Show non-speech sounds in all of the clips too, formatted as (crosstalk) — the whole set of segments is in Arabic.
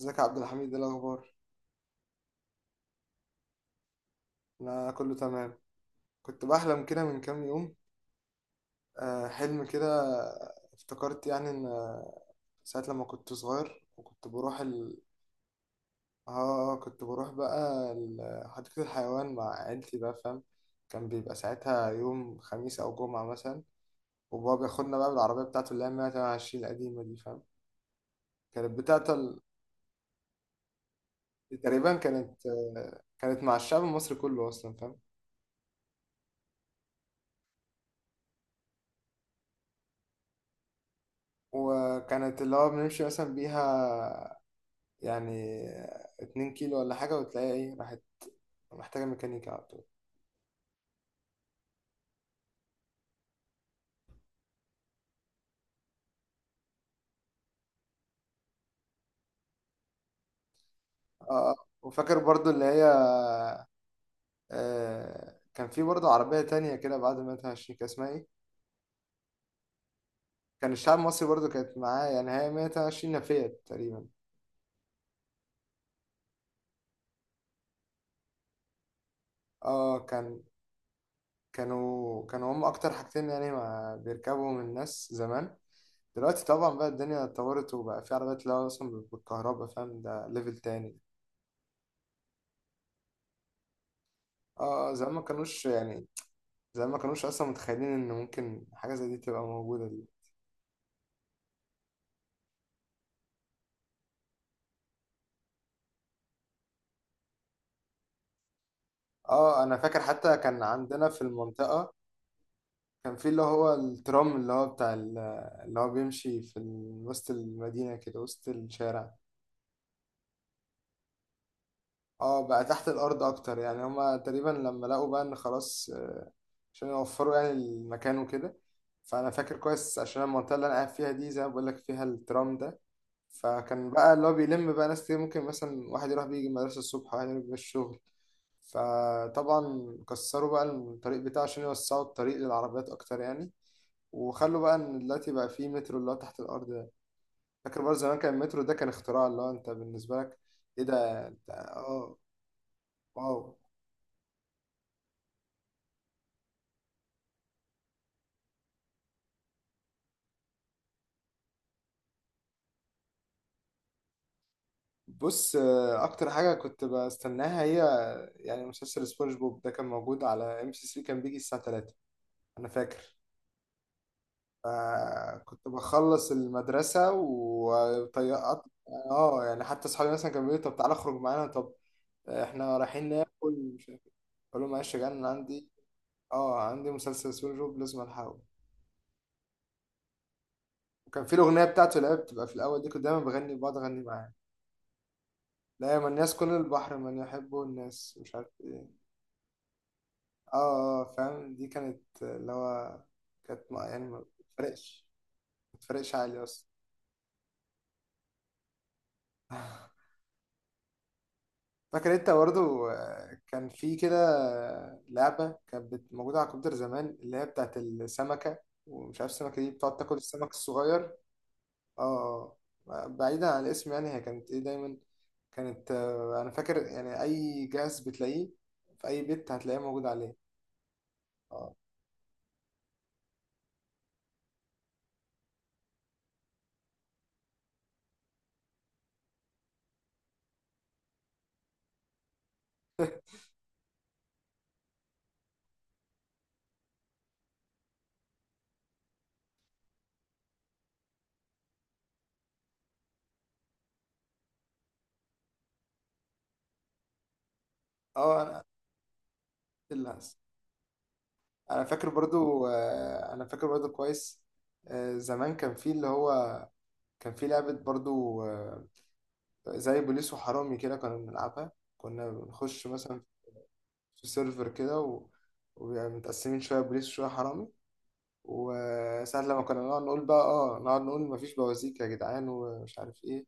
ازيك يا عبد الحميد؟ ايه الاخبار؟ انا كله تمام. كنت بحلم كده من كام يوم. حلم كده. افتكرت يعني ان ساعة لما كنت صغير وكنت بروح اه كنت بروح بقى حديقة الحيوان مع عيلتي بقى، فاهم؟ كان بيبقى ساعتها يوم خميس او جمعة مثلا. وبابا بياخدنا بقى بالعربية بتاعته اللي هي 128 القديمة دي، فاهم؟ كانت بتاعته تقريبا، كانت مع الشعب المصري كله اصلا، فاهم؟ وكانت اللي هو بنمشي مثلا بيها يعني اتنين كيلو ولا حاجة وتلاقيها ايه، راحت، محتاجة ميكانيكا على طول. اه آه. وفاكر برضو اللي هي، كان في برضو عربية تانية كده بعد 122، كان اسمها ايه؟ كان الشعب المصري برضو كانت معاه، يعني هي 122 نفيت تقريبا. اه كان كانوا هم اكتر حاجتين يعني ما بيركبهم الناس زمان. دلوقتي طبعا بقى الدنيا اتطورت وبقى في عربيات اللي هو اصلا بالكهرباء، فاهم؟ ده ليفل تاني. زمان ما كانوش يعني زي ما كانوش اصلا متخيلين ان ممكن حاجه زي دي تبقى موجوده. اه انا فاكر حتى كان عندنا في المنطقة كان في اللي هو الترام اللي هو بتاع اللي هو بيمشي في وسط المدينة، كده وسط الشارع. اه بقى تحت الأرض أكتر، يعني هما تقريبا لما لقوا بقى إن خلاص، عشان يوفروا يعني المكان وكده. فأنا فاكر كويس، عشان المنطقة اللي أنا قاعد فيها دي زي ما بقولك فيها الترام ده. فكان بقى اللي هو بيلم بقى ناس كتير، ممكن مثلا واحد يروح بيجي المدرسة الصبح وواحد يروح بيه الشغل. فطبعا كسروا بقى الطريق بتاعه عشان يوسعوا الطريق للعربيات أكتر يعني، وخلوا بقى ان دلوقتي بقى فيه مترو اللي هو تحت الارض ده. فاكر برضه زمان كان المترو ده كان اختراع اللي هو انت بالنسبه لك ايه ده؟ انت اه، واو. بص، اكتر حاجه كنت بستناها هي يعني مسلسل سبونج بوب ده، كان موجود على ام سي 3، كان بيجي الساعه 3. انا فاكر، فكنت بخلص المدرسه وطيقت. اه، يعني حتى اصحابي مثلا كانوا بيقولوا: طب تعالى اخرج معانا، طب احنا رايحين ناكل، مش عارف إيه. اقول لهم: معلش يا جدعان، أنا عندي، اه، عندي مسلسل سبونج بوب لازم الحقه. وكان في الأغنية بتاعته اللي هي بتبقى في الأول دي، كنت دايما بغني، بقعد أغني معاه: لا يا من الناس كل البحر من يحبه الناس مش عارف إيه. فاهم؟ دي كانت اللي هو كانت يعني بتفرقش ما بتفرقش عالي أصلا. (laughs) فاكر أنت برضه، كان في كده، لعبة كانت موجودة على الكمبيوتر زمان، اللي هي بتاعت السمكة، ومش عارف، السمكة دي بتقعد تاكل السمك الصغير. اه بعيدا عن الاسم، يعني هي كانت ايه دايما، كانت، انا فاكر يعني اي جهاز بتلاقيه في اي بيت هتلاقيه موجود عليه. اه. (laughs) اه انا الجهاز. انا فاكر برضو، انا فاكر برضو كويس، زمان كان في اللي هو كان في لعبة برضو، زي بوليس وحرامي كده كنا بنلعبها. كنا بنخش مثلا في سيرفر كده وبيبقى متقسمين شوية بوليس وشوية حرامي. وساعة لما كنا نقعد نقول بقى: اه نقعد نقول مفيش بوازيك يا جدعان، ومش عارف ايه.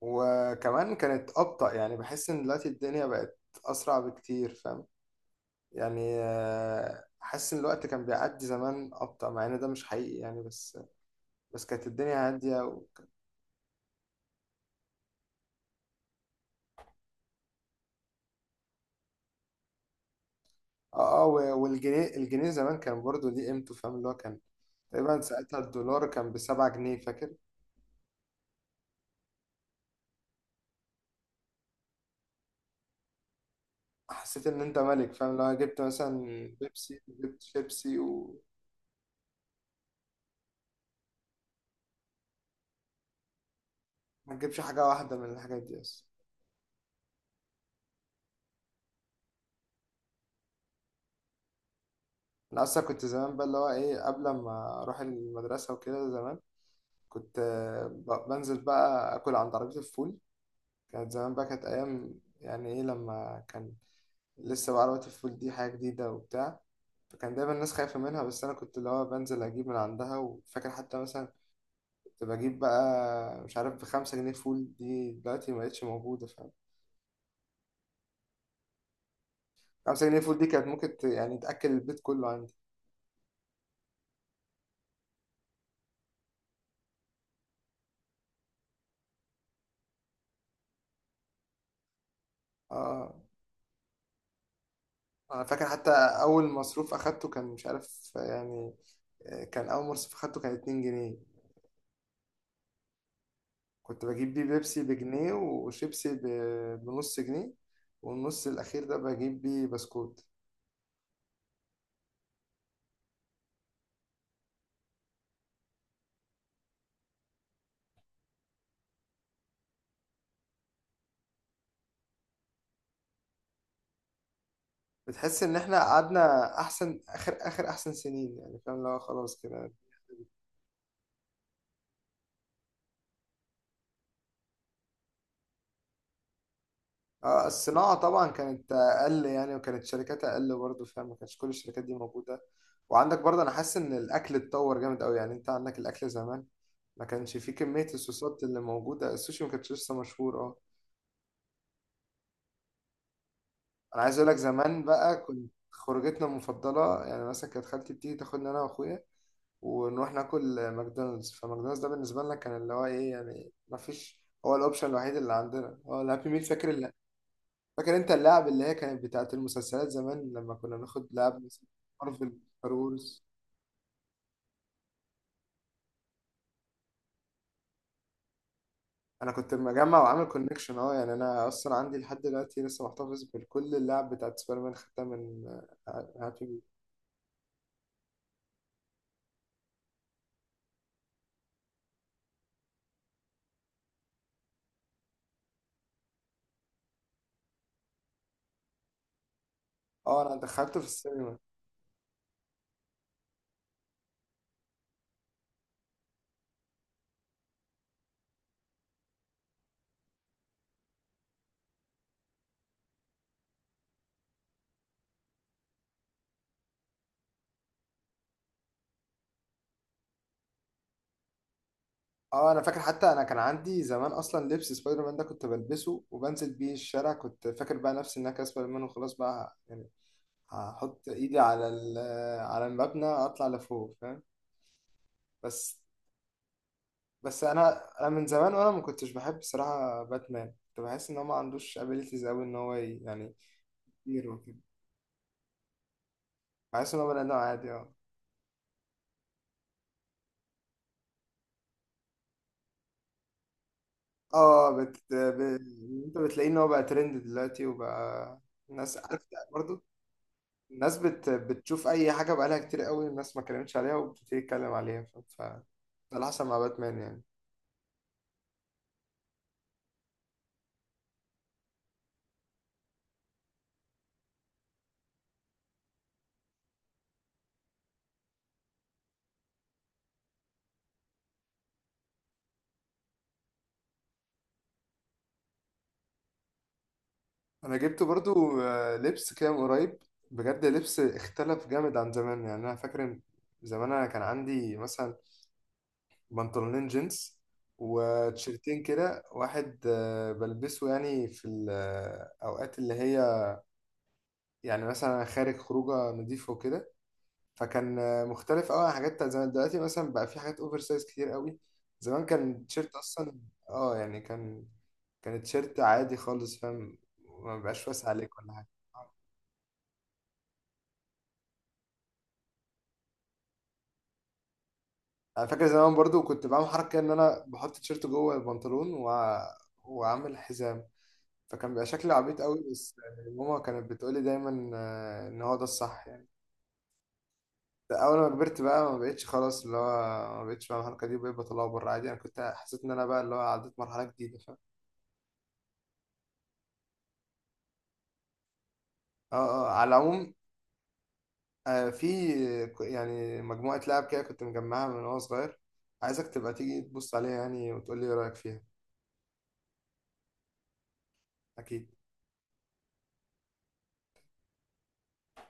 وكمان كانت أبطأ، يعني بحس إن دلوقتي الدنيا بقت أسرع بكتير، فاهم؟ يعني حاسس إن الوقت كان بيعدي زمان أبطأ، مع إن ده مش حقيقي يعني، بس بس كانت الدنيا هادية اه اه والجنيه زمان كان برضو ليه قيمته، فاهم؟ اللي هو كان، تقريبا ساعتها الدولار كان بسبعة جنيه، فاكر؟ حسيت إن أنت ملك، فاهم؟ لو جبت مثلا بيبسي، جبت شيبسي. ما تجيبش حاجة واحدة من الحاجات دي أصلا. أنا أصلا كنت زمان بقى اللي هو إيه، قبل ما أروح المدرسة وكده زمان، كنت، بنزل بقى آكل عند عربية الفول. كانت زمان بقى كانت أيام، يعني إيه، لما كان لسه بقى عربية الفول دي حاجة جديدة وبتاع، فكان دايما الناس خايفة منها، بس أنا كنت اللي هو بنزل أجيب من عندها. وفاكر حتى مثلا كنت بجيب بقى، مش عارف، بخمسة جنيه فول. دي دلوقتي مبقتش موجودة، فاهم؟ خمسة جنيه فول دي كانت ممكن يعني تأكل البيت كله عندي. اه انا فاكر حتى اول مصروف اخدته كان، مش عارف يعني، كان اول مصروف اخدته كان 2 جنيه. كنت بجيب بيه بيبسي بجنيه، وشيبسي بنص جنيه، والنص الاخير ده بجيب بيه بسكوت. بتحس ان احنا قعدنا احسن اخر، احسن سنين يعني، فاهم؟ اللي هو خلاص كده. الصناعة طبعا كانت أقل يعني، وكانت شركاتها أقل برضه، فاهم؟ ما كانش كل الشركات دي موجودة. وعندك برضه، أنا حاسس إن الأكل اتطور جامد أوي، يعني أنت عندك الأكل زمان ما كانش فيه كمية الصوصات اللي موجودة. السوشي ما كانش لسه مشهور. أه، أنا عايز أقول لك، زمان بقى كنت خروجتنا المفضلة يعني، مثلا كانت خالتي بتيجي تاخدنا أنا وأخويا ونروح ناكل ماكدونالدز. فماكدونالدز ده بالنسبة لنا كان اللي هو إيه يعني، ما فيش، هو الأوبشن الوحيد اللي عندنا هو الهابي ميل، فاكر؟ فاكر انت اللعب اللي هي كانت بتاعت المسلسلات زمان لما كنا بناخد لعب مثلا، مارفل، ستار وورز. انا كنت مجمع وعامل كونكشن، اه، يعني انا اصلا عندي لحد دلوقتي لسه محتفظ بكل اللعب بتاعت سبايدر مان، خدتها من، هابي ميل. اه انا دخلته في السينما. اه انا فاكر حتى، انا كان عندي زمان اصلا لبس سبايدر مان ده، كنت بلبسه وبنزل بيه الشارع، كنت فاكر بقى نفسي ان انا كده سبايدر مان وخلاص بقى يعني. هحط ايدي على على المبنى اطلع لفوق، فاهم؟ بس، بس انا من زمان وانا ما كنتش بحب بصراحه باتمان. كنت بحس ان هو ما عندوش ابيليتيز قوي، ان هو يعني هيرو كده. بحس ان هو بني ادم عادي. اه اه بت... ب... انت بتلاقيه ان هو بقى ترند دلوقتي، وبقى الناس عارف. برضه الناس بتشوف اي حاجه بقالها كتير قوي الناس ما اتكلمتش عليها وبتبتدي تتكلم عليها ده اللي حصل مع باتمان يعني. انا جبت برضو، لبس كده من قريب. بجد لبس اختلف جامد عن زمان. يعني انا فاكر إن زمان انا كان عندي مثلا بنطلونين جينز وتيشيرتين كده، واحد بلبسه يعني في الأوقات اللي هي يعني مثلا خارج خروجه نضيفه وكده. فكان مختلف قوي عن حاجات بتاعت زمان. دلوقتي مثلا بقى في حاجات اوفر سايز كتير قوي. زمان كان تيشيرت اصلا، اه يعني كان، كان تيشيرت عادي خالص، فاهم؟ ما بيبقاش واسع عليك ولا حاجه. انا فاكر زمان برضو كنت بعمل حركه ان انا بحط تيشيرت جوه البنطلون واعمل حزام، فكان بيبقى شكلي عبيط قوي. بس ماما كانت بتقولي دايما، ان هو ده الصح يعني. اول ما كبرت بقى ما بقتش خلاص اللي هو ما بقتش، فاهم؟ الحركه دي بقيت بطلعه بره عادي. انا كنت حسيت ان انا بقى اللي هو عديت مرحله جديده، فاهم؟ اه اه، على العموم، في يعني مجموعه لعب كده كنت مجمعها من وانا صغير، عايزك تبقى تيجي تبص عليها يعني، وتقول لي ايه رايك فيها. اكيد.